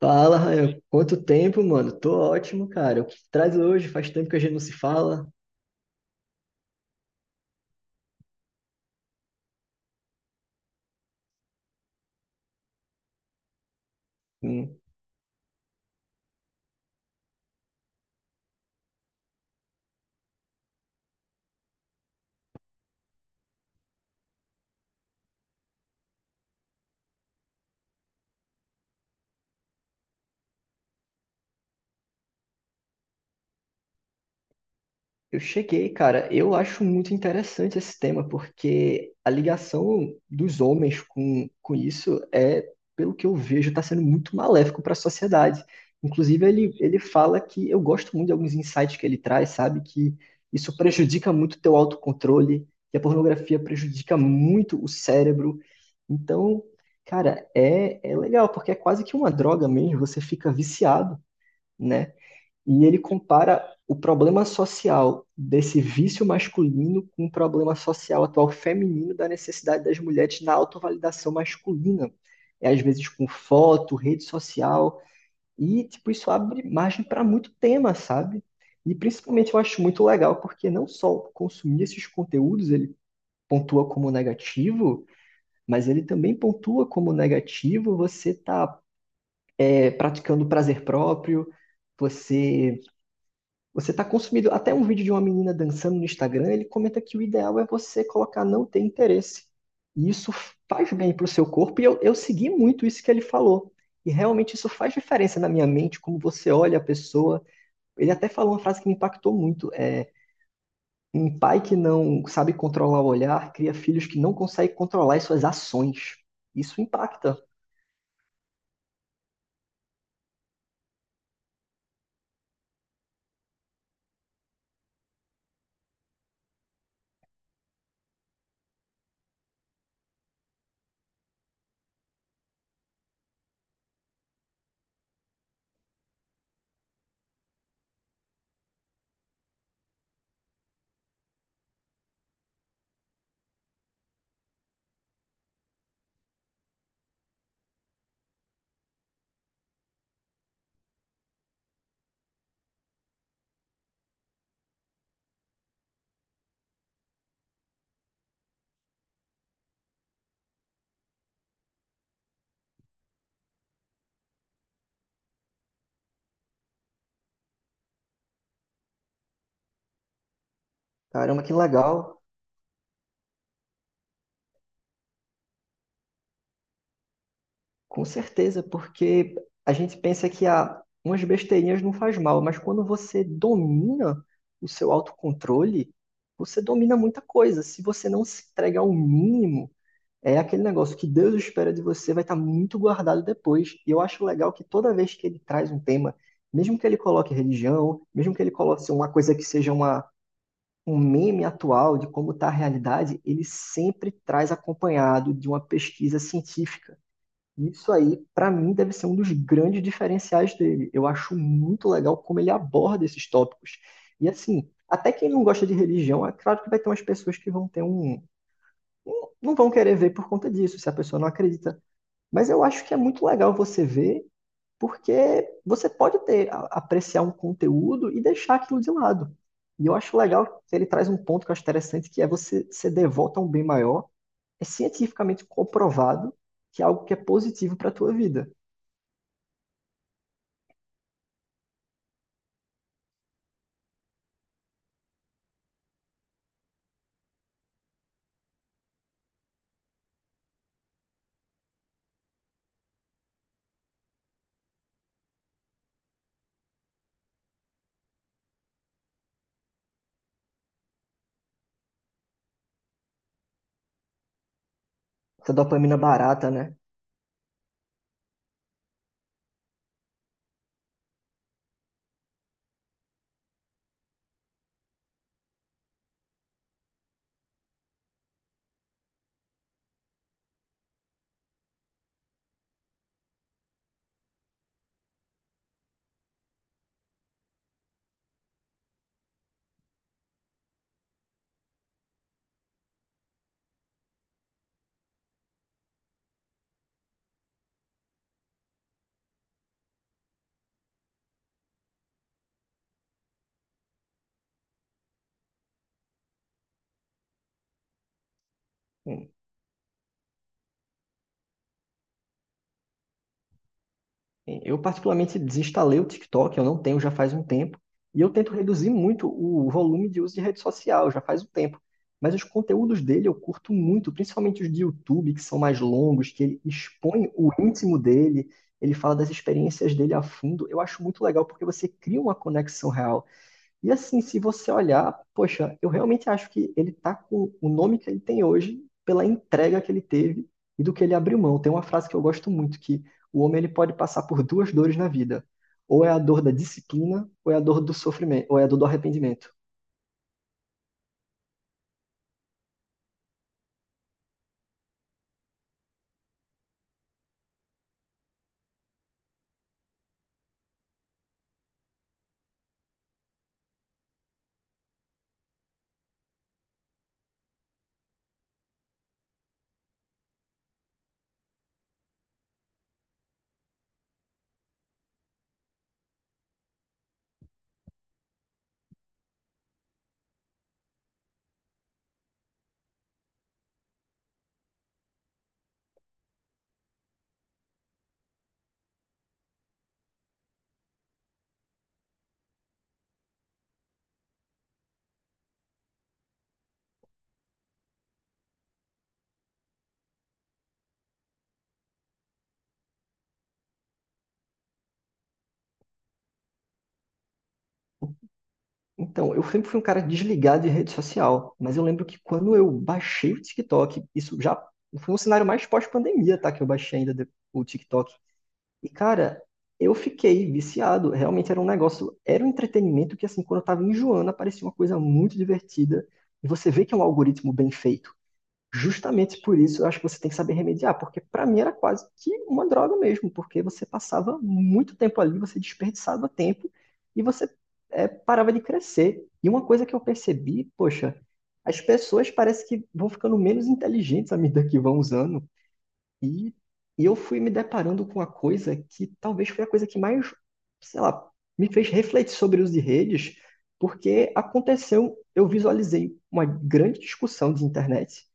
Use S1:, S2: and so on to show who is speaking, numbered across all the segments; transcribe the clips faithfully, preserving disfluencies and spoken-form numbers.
S1: Fala, Rael. Quanto tempo, mano? Tô ótimo, cara. O que traz hoje? Faz tempo que a gente não se fala. Hum. Eu cheguei, cara. Eu acho muito interessante esse tema, porque a ligação dos homens com, com isso é, pelo que eu vejo, está sendo muito maléfico para a sociedade. Inclusive, ele, ele fala que eu gosto muito de alguns insights que ele traz, sabe? Que isso prejudica muito o teu autocontrole, que a pornografia prejudica muito o cérebro. Então, cara, é, é legal, porque é quase que uma droga mesmo, você fica viciado, né? E ele compara o problema social desse vício masculino com o problema social atual feminino da necessidade das mulheres na autovalidação masculina. É, às vezes com foto, rede social, e tipo, isso abre margem para muito tema, sabe? E principalmente eu acho muito legal, porque não só consumir esses conteúdos ele pontua como negativo, mas ele também pontua como negativo você tá é, praticando prazer próprio, você você está consumindo até um vídeo de uma menina dançando no Instagram. Ele comenta que o ideal é você colocar não ter interesse. E isso faz bem para o seu corpo, e eu, eu segui muito isso que ele falou. E realmente isso faz diferença na minha mente, como você olha a pessoa. Ele até falou uma frase que me impactou muito: é, um pai que não sabe controlar o olhar cria filhos que não conseguem controlar as suas ações. Isso impacta. Caramba, que legal. Com certeza, porque a gente pensa que ah, umas besteirinhas não faz mal, mas quando você domina o seu autocontrole, você domina muita coisa. Se você não se entrega ao mínimo, é aquele negócio que Deus espera de você, vai estar muito guardado depois. E eu acho legal que toda vez que ele traz um tema, mesmo que ele coloque religião, mesmo que ele coloque assim, uma coisa que seja uma, um meme atual de como está a realidade, ele sempre traz acompanhado de uma pesquisa científica. Isso aí, pra mim, deve ser um dos grandes diferenciais dele. Eu acho muito legal como ele aborda esses tópicos. E assim, até quem não gosta de religião, é claro que vai ter umas pessoas que vão ter um, um- não vão querer ver por conta disso, se a pessoa não acredita. Mas eu acho que é muito legal você ver, porque você pode ter, a- apreciar um conteúdo e deixar aquilo de lado. E eu acho legal que ele traz um ponto que eu acho interessante, que é você ser devoto a um bem maior, é cientificamente comprovado que é algo que é positivo para a tua vida. Essa dopamina barata, né? Eu particularmente desinstalei o TikTok, eu não tenho já faz um tempo, e eu tento reduzir muito o volume de uso de rede social, já faz um tempo. Mas os conteúdos dele eu curto muito, principalmente os de YouTube, que são mais longos, que ele expõe o íntimo dele, ele fala das experiências dele a fundo. Eu acho muito legal porque você cria uma conexão real. E assim, se você olhar, poxa, eu realmente acho que ele tá com o nome que ele tem hoje pela entrega que ele teve e do que ele abriu mão. Tem uma frase que eu gosto muito, que o homem ele pode passar por duas dores na vida. Ou é a dor da disciplina, ou é a dor do sofrimento, ou é a dor do arrependimento. Então, eu sempre fui um cara desligado de rede social, mas eu lembro que quando eu baixei o TikTok, isso já foi um cenário mais pós-pandemia, tá? Que eu baixei ainda de- o TikTok. E, cara, eu fiquei viciado. Realmente era um negócio, era um entretenimento que, assim, quando eu tava enjoando, aparecia uma coisa muito divertida. E você vê que é um algoritmo bem feito. Justamente por isso, eu acho que você tem que saber remediar, porque pra mim era quase que uma droga mesmo, porque você passava muito tempo ali, você desperdiçava tempo e você eh, parava de crescer. E uma coisa que eu percebi, poxa, as pessoas parece que vão ficando menos inteligentes à medida que vão usando. E, e eu fui me deparando com uma coisa que talvez foi a coisa que mais, sei lá, me fez refletir sobre o uso de redes, porque aconteceu, eu visualizei uma grande discussão de internet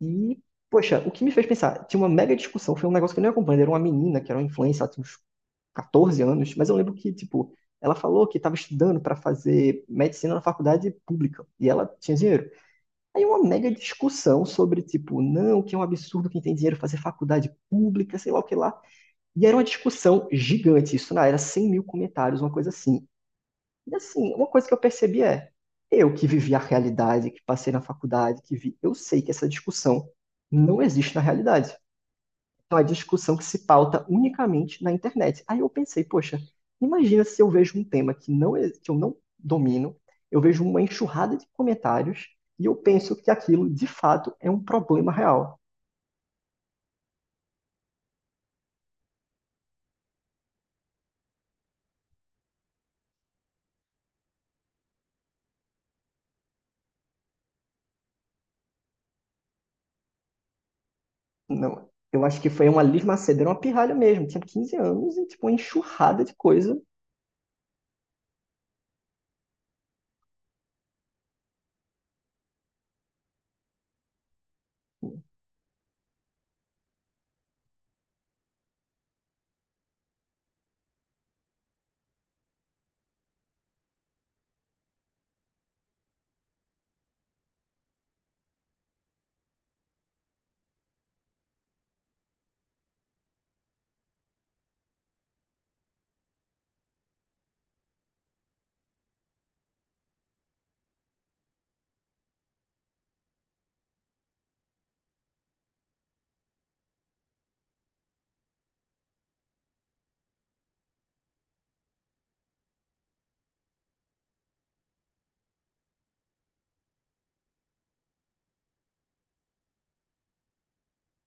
S1: e, poxa, o que me fez pensar, tinha uma mega discussão, foi um negócio que eu nem acompanhei, era uma menina que era uma influencer, ela tinha uns catorze anos, mas eu lembro que, tipo, ela falou que estava estudando para fazer medicina na faculdade pública e ela tinha dinheiro. Aí uma mega discussão sobre, tipo, não, que é um absurdo quem tem dinheiro fazer faculdade pública, sei lá o que lá. E era uma discussão gigante, isso na era cem mil comentários, uma coisa assim. E assim, uma coisa que eu percebi é, eu que vivi a realidade, que passei na faculdade, que vi, eu sei que essa discussão não existe na realidade. Então é discussão que se pauta unicamente na internet. Aí eu pensei, poxa, imagina se eu vejo um tema que não é- que eu não domino, eu vejo uma enxurrada de comentários e eu penso que aquilo de fato é um problema real. Não, eu acho que foi uma Liz Macedo, era uma pirralha mesmo, tinha quinze anos e tipo uma enxurrada de coisa.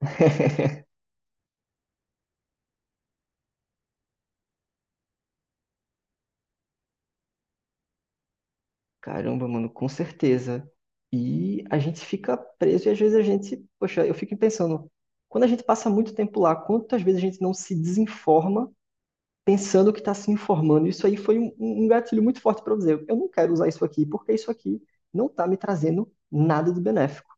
S1: Caramba, mano, com certeza. E a gente fica preso e às vezes a gente, poxa, eu fico pensando, quando a gente passa muito tempo lá, quantas vezes a gente não se desinforma pensando que está se informando. Isso aí foi um, um um gatilho muito forte para eu dizer, eu não quero usar isso aqui, porque isso aqui não está me trazendo nada de benéfico.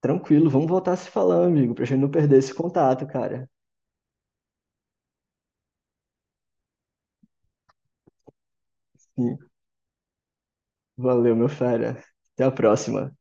S1: Tranquilo, vamos voltar a se falar, amigo, para a gente não perder esse contato, cara. Sim. Valeu, meu fera. Até a próxima.